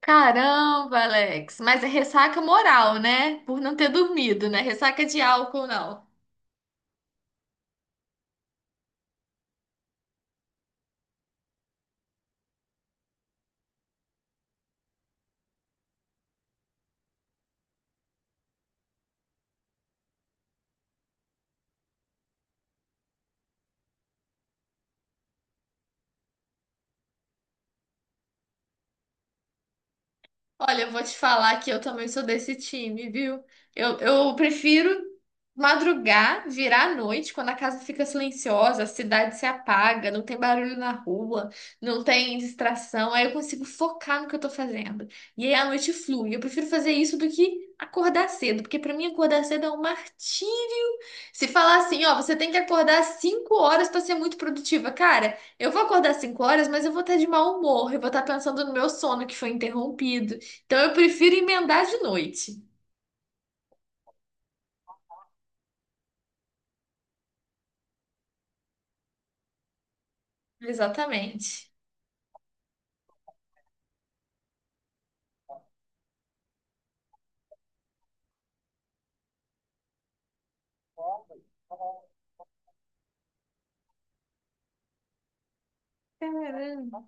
Caramba, Alex. Mas é ressaca moral, né? Por não ter dormido, né? Ressaca de álcool, não. Olha, eu vou te falar que eu também sou desse time, viu? Eu prefiro madrugar, virar a noite, quando a casa fica silenciosa, a cidade se apaga, não tem barulho na rua, não tem distração, aí eu consigo focar no que eu tô fazendo. E aí a noite flui. Eu prefiro fazer isso do que acordar cedo, porque pra mim acordar cedo é um martírio. Se falar assim, ó, você tem que acordar às 5 horas pra ser muito produtiva. Cara, eu vou acordar às 5 horas, mas eu vou estar de mau humor, eu vou estar pensando no meu sono que foi interrompido. Então eu prefiro emendar de noite. Exatamente. Caramba.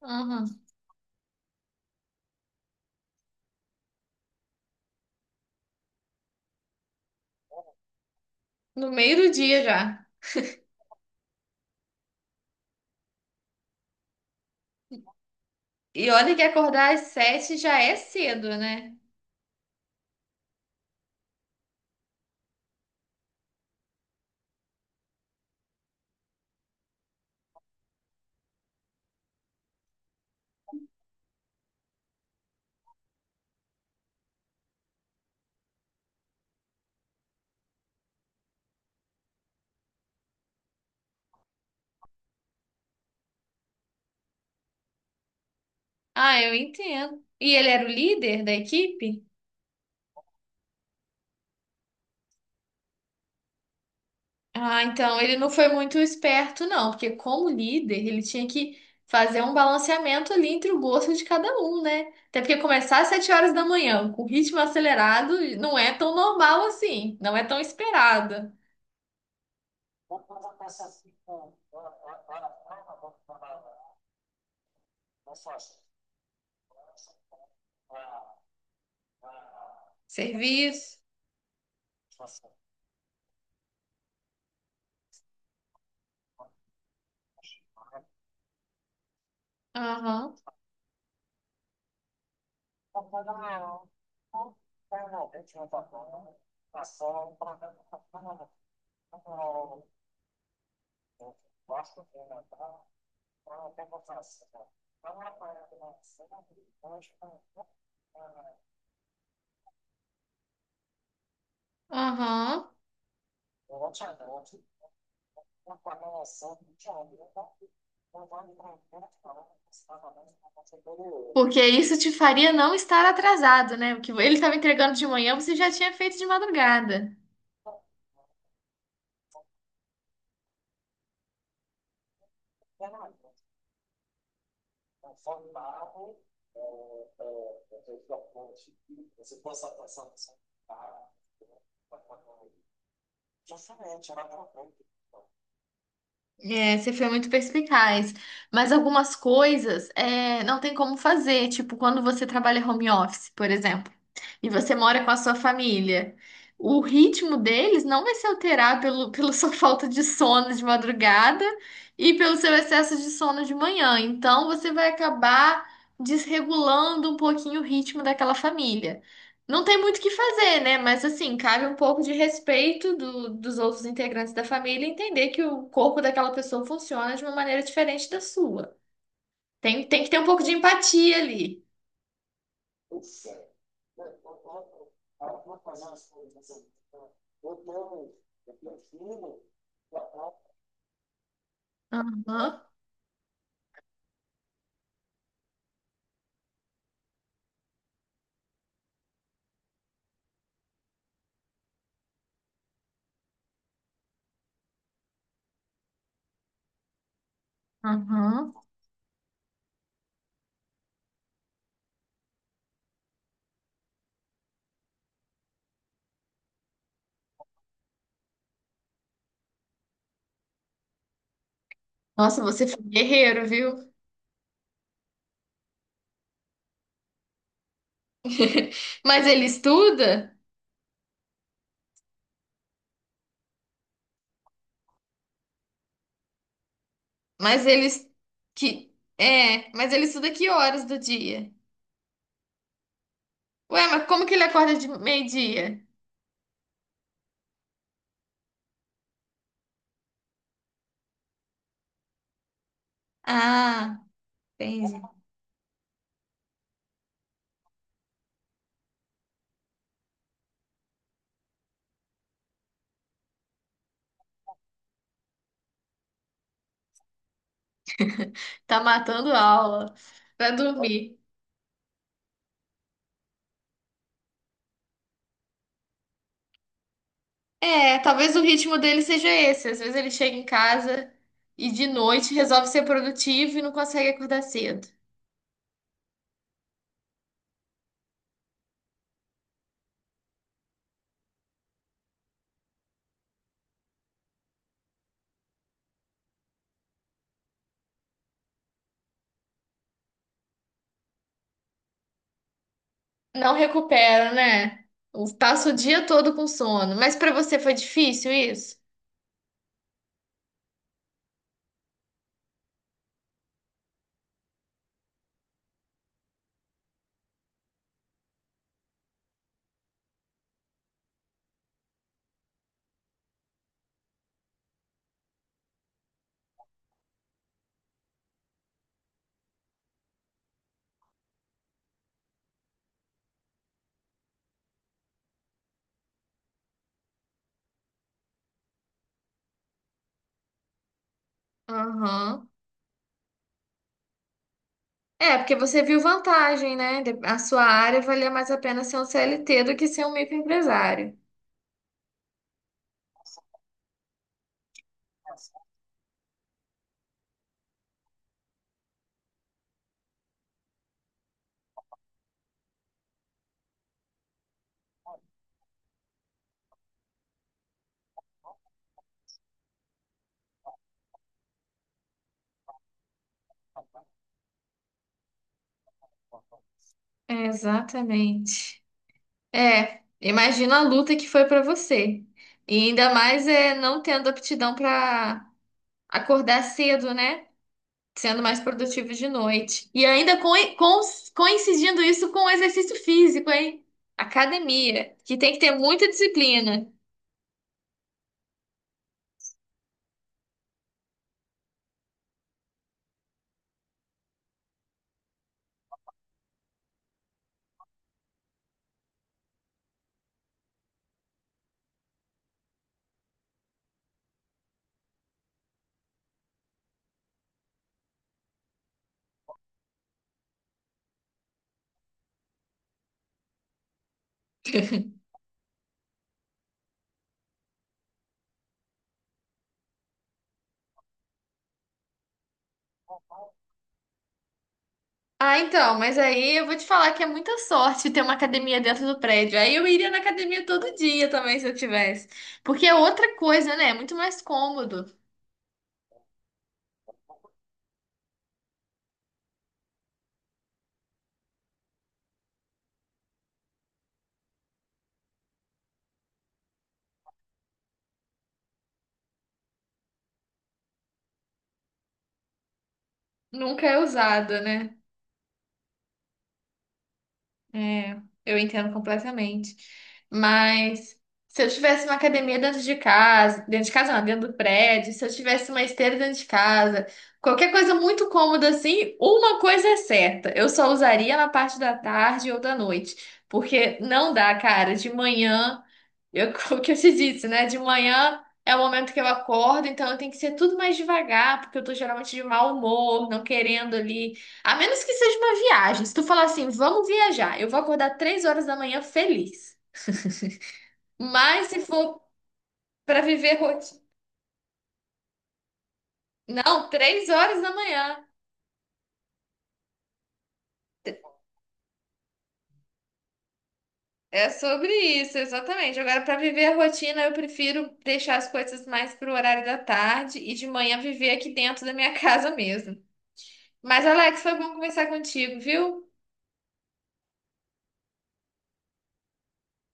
Uhum. No meio do dia já. E olha que acordar às 7 já é cedo, né? Ah, eu entendo. E ele era o líder da equipe? Ah, então ele não foi muito esperto, não, porque como líder, ele tinha que fazer um balanceamento ali entre o gosto de cada um, né? Até porque começar às 7 horas da manhã, com ritmo acelerado, não é tão normal assim, não é tão esperado. Serviço. Aham, aham. Porque isso te faria não estar atrasado, né? O que ele estava entregando de manhã, você já tinha feito de madrugada. É, você foi muito perspicaz. Mas algumas coisas é, não tem como fazer. Tipo, quando você trabalha home office, por exemplo, e você mora com a sua família, o ritmo deles não vai se alterar pela sua falta de sono de madrugada e pelo seu excesso de sono de manhã. Então, você vai acabar desregulando um pouquinho o ritmo daquela família. Não tem muito o que fazer, né? Mas assim, cabe um pouco de respeito dos outros integrantes da família e entender que o corpo daquela pessoa funciona de uma maneira diferente da sua. Tem que ter um pouco de empatia ali. Aham, aham. Nossa, você foi guerreiro, viu? Mas ele estuda? Mas ele es- que é, mas ele estuda que horas do dia? Ué, mas como que ele acorda de meio-dia? Ah, entendi. Tá matando aula pra dormir. É, talvez o ritmo dele seja esse. Às vezes ele chega em casa e de noite resolve ser produtivo e não consegue acordar cedo. Não recupera, né? O- Passa o dia todo com sono. Mas pra você foi difícil isso? Aham. É, porque você viu vantagem, né? De- A sua área valia mais a pena ser um CLT do que ser um microempresário. É, exatamente. É, imagina a luta que foi pra você. E ainda mais é não tendo aptidão pra acordar cedo, né? Sendo mais produtivo de noite. E ainda coincidindo isso com o exercício físico, hein? Academia, que tem que ter muita disciplina. Ah, então, mas aí eu vou te falar que é muita sorte ter uma academia dentro do prédio. Aí eu iria na academia todo dia também se eu tivesse. Porque é outra coisa, né? É muito mais cômodo. Nunca é usado, né? É, eu entendo completamente. Mas se eu tivesse uma academia dentro de casa não, dentro do prédio, se eu tivesse uma esteira dentro de casa, qualquer coisa muito cômoda assim, uma coisa é certa, eu só usaria na parte da tarde ou da noite, porque não dá, cara, de manhã eu, o que eu te disse, né? De manhã é o momento que eu acordo, então eu tenho que ser tudo mais devagar, porque eu tô geralmente de mau humor, não querendo ali. A menos que seja uma viagem. Se tu falar assim, vamos viajar, eu vou acordar 3 horas da manhã feliz. Mas se for pra viver rotina. Não, 3 horas da manhã. É sobre isso, exatamente. Agora, pra viver a rotina, eu prefiro deixar as coisas mais pro horário da tarde e de manhã viver aqui dentro da minha casa mesmo. Mas, Alex, foi bom conversar contigo, viu?